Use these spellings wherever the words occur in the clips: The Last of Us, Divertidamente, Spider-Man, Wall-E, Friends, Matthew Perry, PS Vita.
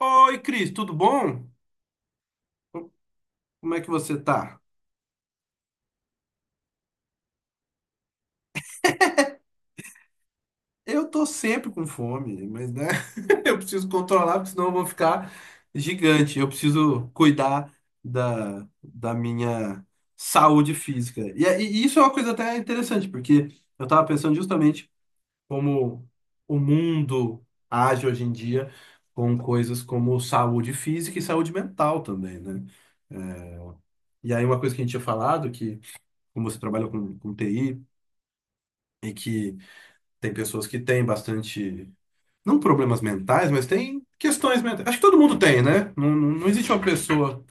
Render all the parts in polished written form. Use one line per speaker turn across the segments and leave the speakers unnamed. Oi, Cris, tudo bom? Como é que você tá? Eu tô sempre com fome, mas né, eu preciso controlar, porque senão eu vou ficar gigante. Eu preciso cuidar da minha saúde física. E isso é uma coisa até interessante, porque eu tava pensando justamente como o mundo age hoje em dia com coisas como saúde física e saúde mental também, né? É, E aí uma coisa que a gente tinha falado, que como você trabalha com TI. Tem pessoas que têm bastante, não problemas mentais, mas tem questões mentais. Acho que todo mundo tem, né? Não existe uma pessoa.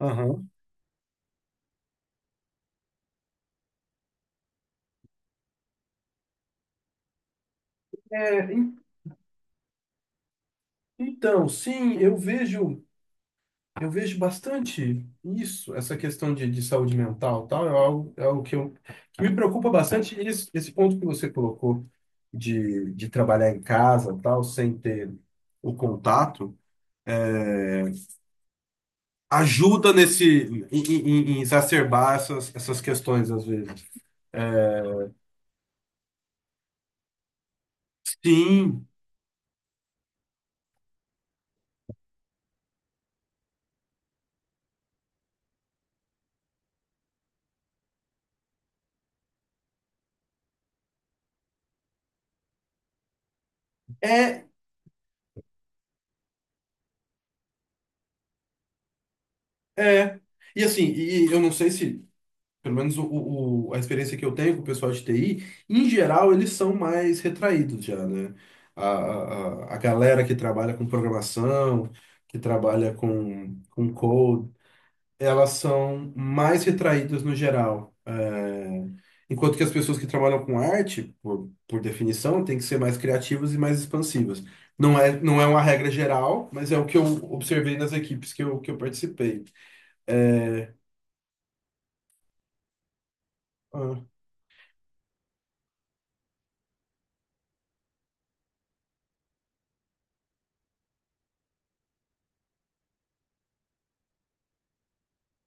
Aham. É, en- então, sim, eu vejo bastante isso, essa questão de saúde mental, e tal, é algo que me preocupa bastante. Esse ponto que você colocou de trabalhar em casa, tal, sem ter o contato, ajuda nesse em, em- em- em exacerbar essas questões às vezes. Sim, é, É. E assim, e eu não sei se, pelo menos a experiência que eu tenho com o pessoal de TI, em geral eles são mais retraídos já, né? A galera que trabalha com programação, que trabalha com code, elas são mais retraídas no geral. É, Enquanto que as pessoas que trabalham com arte, por definição, têm que ser mais criativas e mais expansivas. Não é uma regra geral, mas é o que eu observei nas equipes que eu participei. É, Ah,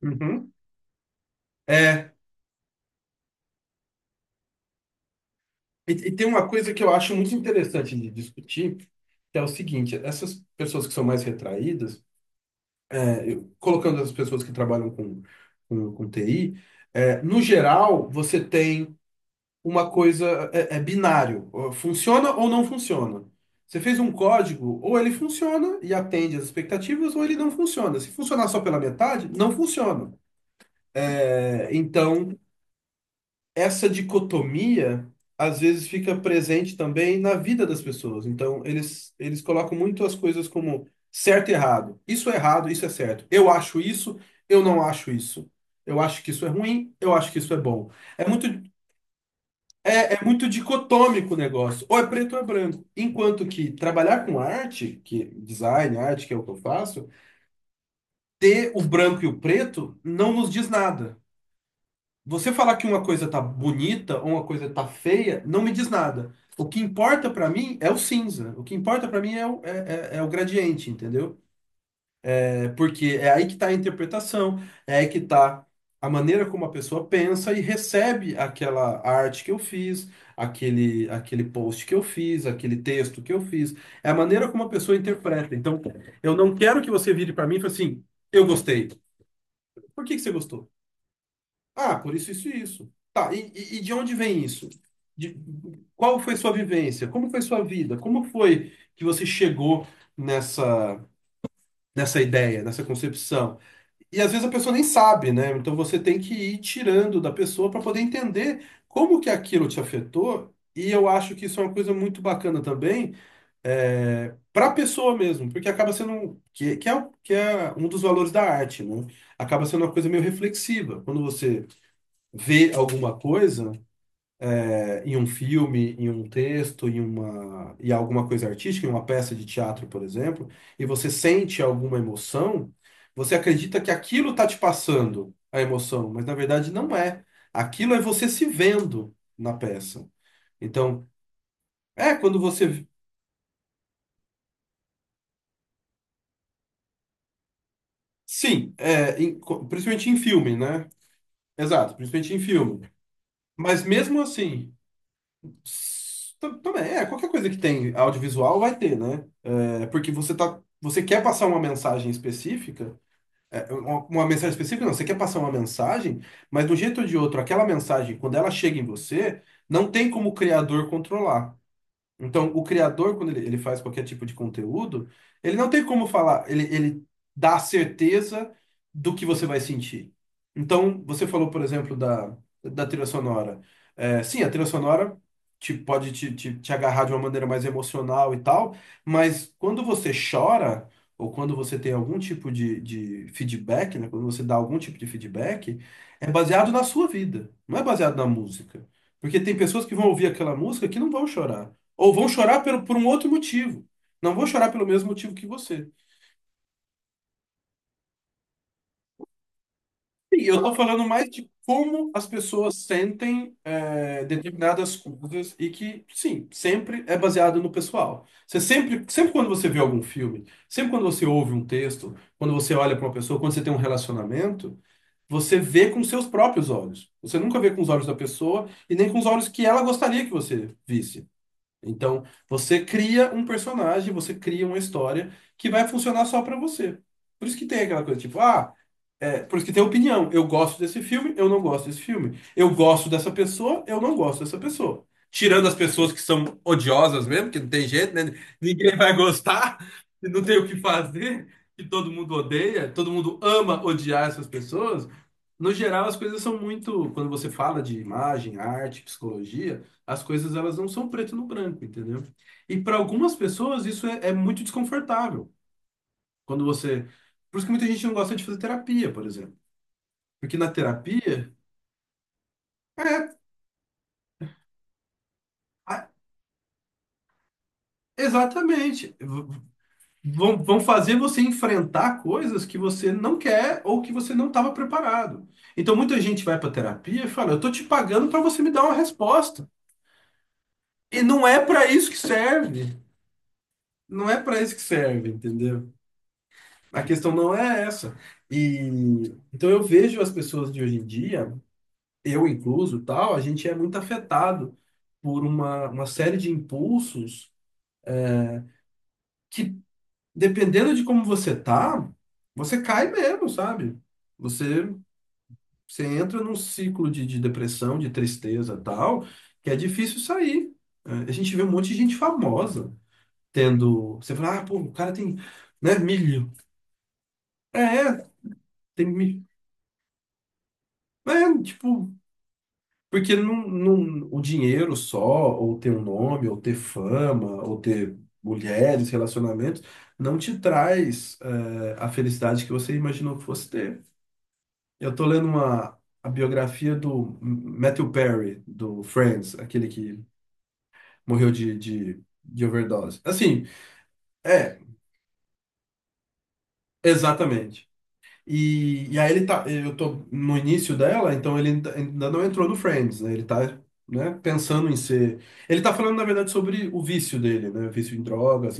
uhum. É, e tem uma coisa que eu acho muito interessante de discutir, que é o seguinte, essas pessoas que são mais retraídas, colocando as pessoas que trabalham com TI, é, no geral, você tem uma coisa, é binário, ó, funciona ou não funciona. Você fez um código, ou ele funciona e atende às expectativas, ou ele não funciona. Se funcionar só pela metade, não funciona. É, então, essa dicotomia às vezes fica presente também na vida das pessoas. Então, eles colocam muito as coisas como certo e errado. Isso é errado, isso é certo. Eu acho isso, eu não acho isso. Eu acho que isso é ruim, eu acho que isso é bom. É muito, é muito dicotômico o negócio. Ou é preto ou é branco. Enquanto que trabalhar com arte, que design, arte, que é o que eu faço, ter o branco e o preto não nos diz nada. Você falar que uma coisa tá bonita ou uma coisa tá feia não me diz nada. O que importa pra mim é o cinza. O que importa pra mim é o gradiente, entendeu? É porque é aí que tá a interpretação, é aí que tá a maneira como a pessoa pensa e recebe aquela arte que eu fiz, aquele post que eu fiz, aquele texto que eu fiz. É a maneira como a pessoa interpreta. Então, eu não quero que você vire pra mim e fale assim, eu gostei. Por que que você gostou? Ah, por isso, isso e isso. Tá, e de onde vem isso? De- qual foi sua vivência? Como foi sua vida? Como foi que você chegou nessa, nessa ideia, nessa concepção? E às vezes a pessoa nem sabe, né? Então você tem que ir tirando da pessoa para poder entender como que aquilo te afetou. E eu acho que isso é uma coisa muito bacana também, é, para a pessoa mesmo, porque acaba sendo que é um dos valores da arte, né? Acaba sendo uma coisa meio reflexiva. Quando você ver alguma coisa em um filme, em um texto, em uma e alguma coisa artística, em uma peça de teatro, por exemplo, e você sente alguma emoção, você acredita que aquilo está te passando a emoção, mas na verdade não é. Aquilo é você se vendo na peça. Então, é quando você sim, principalmente em filme, né? Exato, principalmente em filme. Mas mesmo assim, também é qualquer coisa que tem audiovisual vai ter, né? É porque você tá, você quer passar uma mensagem específica, uma mensagem específica não, você quer passar uma mensagem, mas de um jeito ou de outro, aquela mensagem, quando ela chega em você, não tem como o criador controlar. Então, o criador, quando ele faz qualquer tipo de conteúdo, ele não tem como falar, ele dá a certeza do que você vai sentir. Então, você falou, por exemplo, da trilha sonora. É, sim, a trilha sonora pode te agarrar de uma maneira mais emocional e tal, mas quando você chora, ou quando você tem algum tipo de feedback, né, quando você dá algum tipo de feedback, é baseado na sua vida, não é baseado na música. Porque tem pessoas que vão ouvir aquela música que não vão chorar. Ou vão chorar por um outro motivo. Não vou chorar pelo mesmo motivo que você. E eu tô falando mais de como as pessoas sentem é, determinadas coisas e que, sim, sempre é baseado no pessoal. Você sempre quando você vê algum filme, sempre quando você ouve um texto, quando você olha para uma pessoa, quando você tem um relacionamento, você vê com seus próprios olhos. Você nunca vê com os olhos da pessoa e nem com os olhos que ela gostaria que você visse. Então, você cria um personagem, você cria uma história que vai funcionar só pra você. Por isso que tem aquela coisa tipo, ah, é, por isso que tem opinião. Eu gosto desse filme, eu não gosto desse filme. Eu gosto dessa pessoa, eu não gosto dessa pessoa. Tirando as pessoas que são odiosas mesmo, que não tem jeito, né? Ninguém vai gostar, e não tem o que fazer, que todo mundo odeia, todo mundo ama odiar essas pessoas. No geral, as coisas são muito. Quando você fala de imagem, arte, psicologia, as coisas elas não são preto no branco, entendeu? E para algumas pessoas isso é muito desconfortável. Quando você. Por isso que muita gente não gosta de fazer terapia, por exemplo. Porque na terapia, é, a- exatamente. Vão, vão fazer você enfrentar coisas que você não quer ou que você não estava preparado. Então muita gente vai para terapia e fala, eu tô te pagando para você me dar uma resposta. E não é para isso que serve. Não é para isso que serve, entendeu? A questão não é essa. E então eu vejo as pessoas de hoje em dia, eu incluso, tal, a gente é muito afetado por uma série de impulsos que dependendo de como você tá, você cai mesmo, sabe? Você, você entra num ciclo de depressão, de tristeza e tal, que é difícil sair. É, a gente vê um monte de gente famosa tendo. Você fala, ah, pô, o cara tem, né, milho. É, é, tem milho. É, tipo, porque não, não, o dinheiro só, ou ter um nome, ou ter fama, ou ter mulheres, relacionamentos, não te traz, é, a felicidade que você imaginou que fosse ter. Eu tô lendo uma a biografia do Matthew Perry, do Friends, aquele que morreu de overdose. Assim, é, exatamente. E aí ele tá, eu tô no início dela, então ele ainda não entrou no Friends, né? Ele tá, né, pensando em ser. Ele tá falando, na verdade, sobre o vício dele, né? Vício em drogas.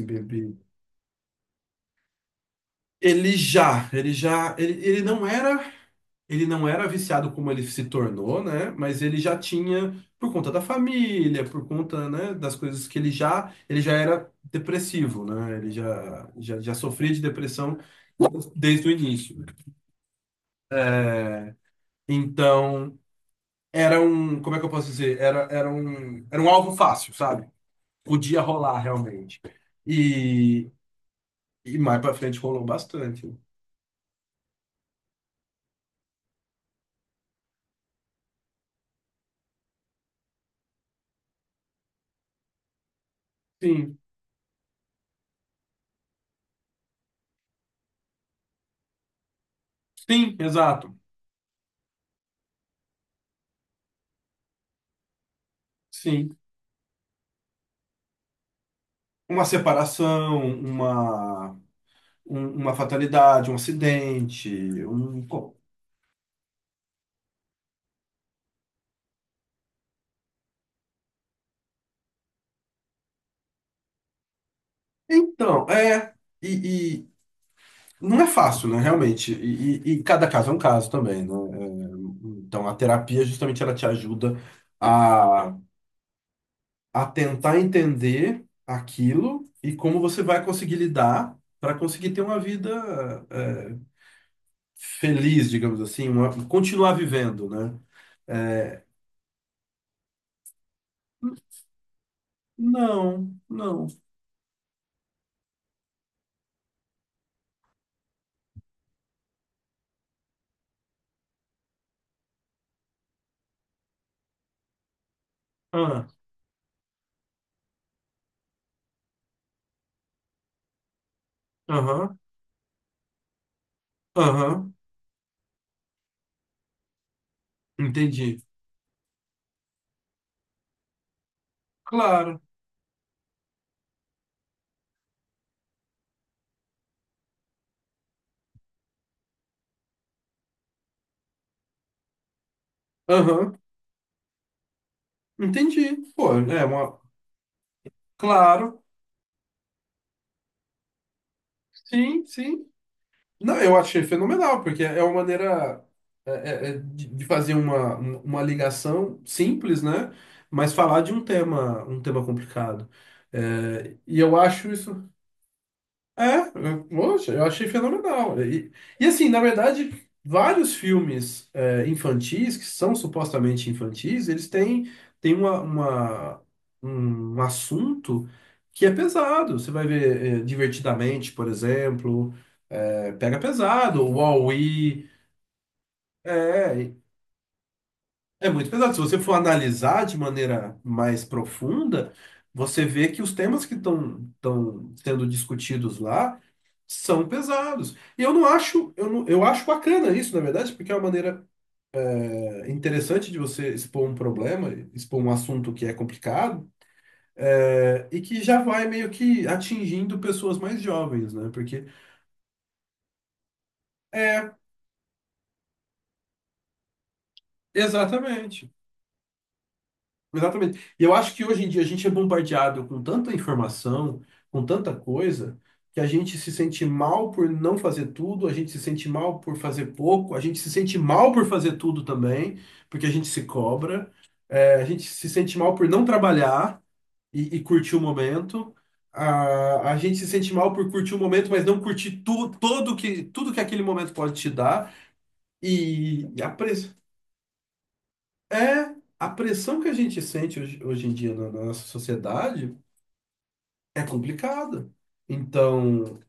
Ele já, ele já, ele, ele não era, ele não era viciado como ele se tornou, né? Mas ele já tinha, por conta da família, por conta, né, das coisas que ele já era depressivo, né? Ele já sofria de depressão desde o início. Então, era um, como é que eu posso dizer? Era um alvo fácil, sabe? Podia rolar realmente. E, e mais pra frente rolou bastante. Sim, sim, exato. Sim. Uma separação, uma, uma fatalidade, um acidente, um... co- Então, é, e não é fácil, né, realmente, e cada caso é um caso também, né. É, então a terapia justamente ela te ajuda a, a tentar entender aquilo e como você vai conseguir lidar para conseguir ter uma vida é, feliz, digamos assim, uma- continuar vivendo, né? Não, não. Ah, aham, aham. Entendi. Claro. Aham. Entendi. Pô, é uma. Claro. Sim, sim. Não, eu achei fenomenal, porque é uma maneira de fazer uma ligação simples, né? Mas falar de um tema complicado. É, e eu acho isso. Poxa, eu achei fenomenal. E, assim, na verdade, vários filmes é, infantis, que são supostamente infantis, têm uma- um assunto que é pesado. Você vai ver é, Divertidamente, por exemplo, é, pega pesado, o Wall-E, é, é muito pesado. Se você for analisar de maneira mais profunda, você vê que os temas que estão sendo discutidos lá são pesados. E eu não acho, eu não, eu acho bacana isso, na verdade, porque é uma maneira é, interessante de você expor um problema, expor um assunto que é complicado, é, e que já vai meio que atingindo pessoas mais jovens, né? Porque é, exatamente. Exatamente. E eu acho que hoje em dia a gente é bombardeado com tanta informação, com tanta coisa, que a gente se sente mal por não fazer tudo, a gente se sente mal por fazer pouco, a gente se sente mal por fazer tudo também, porque a gente se cobra. É, a gente se sente mal por não trabalhar e curtir o momento. A gente se sente mal por curtir o momento, mas não curtir tudo que aquele momento pode te dar. E a press... é a pressão que a gente sente hoje em dia na nossa sociedade é complicada. Então,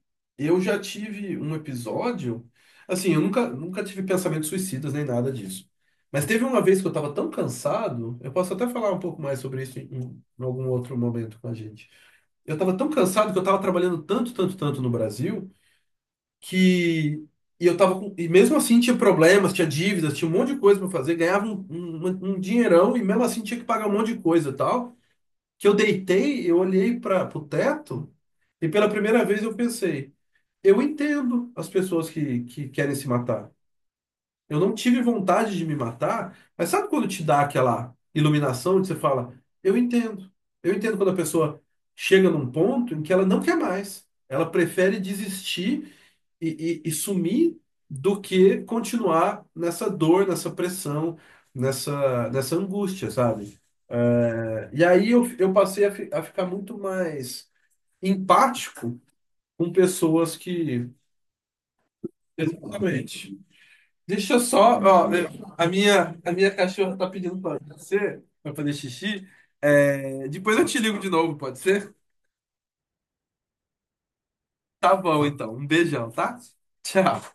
eu já tive um episódio, assim, eu nunca tive pensamentos suicidas nem nada disso. Mas teve uma vez que eu estava tão cansado, eu posso até falar um pouco mais sobre isso em algum outro momento com a gente. Eu estava tão cansado que eu estava trabalhando tanto no Brasil que e eu tava com, e mesmo assim tinha problemas, tinha dívidas, tinha um monte de coisa para fazer, ganhava um dinheirão e mesmo assim tinha que pagar um monte de coisa e tal. Que eu deitei, eu olhei para o teto e pela primeira vez eu pensei eu entendo as pessoas que querem se matar. Eu não tive vontade de me matar, mas sabe quando te dá aquela iluminação onde você fala, eu entendo. Eu entendo quando a pessoa chega num ponto em que ela não quer mais. Ela prefere desistir e sumir do que continuar nessa dor, nessa pressão, nessa angústia, sabe? É, eu passei a ficar muito mais empático com pessoas que. Exatamente. Deixa eu só, ó, é, a minha cachorra tá pedindo pra fazer xixi. É, depois eu te ligo de novo, pode ser? Tá bom, então. Um beijão, tá? Tchau.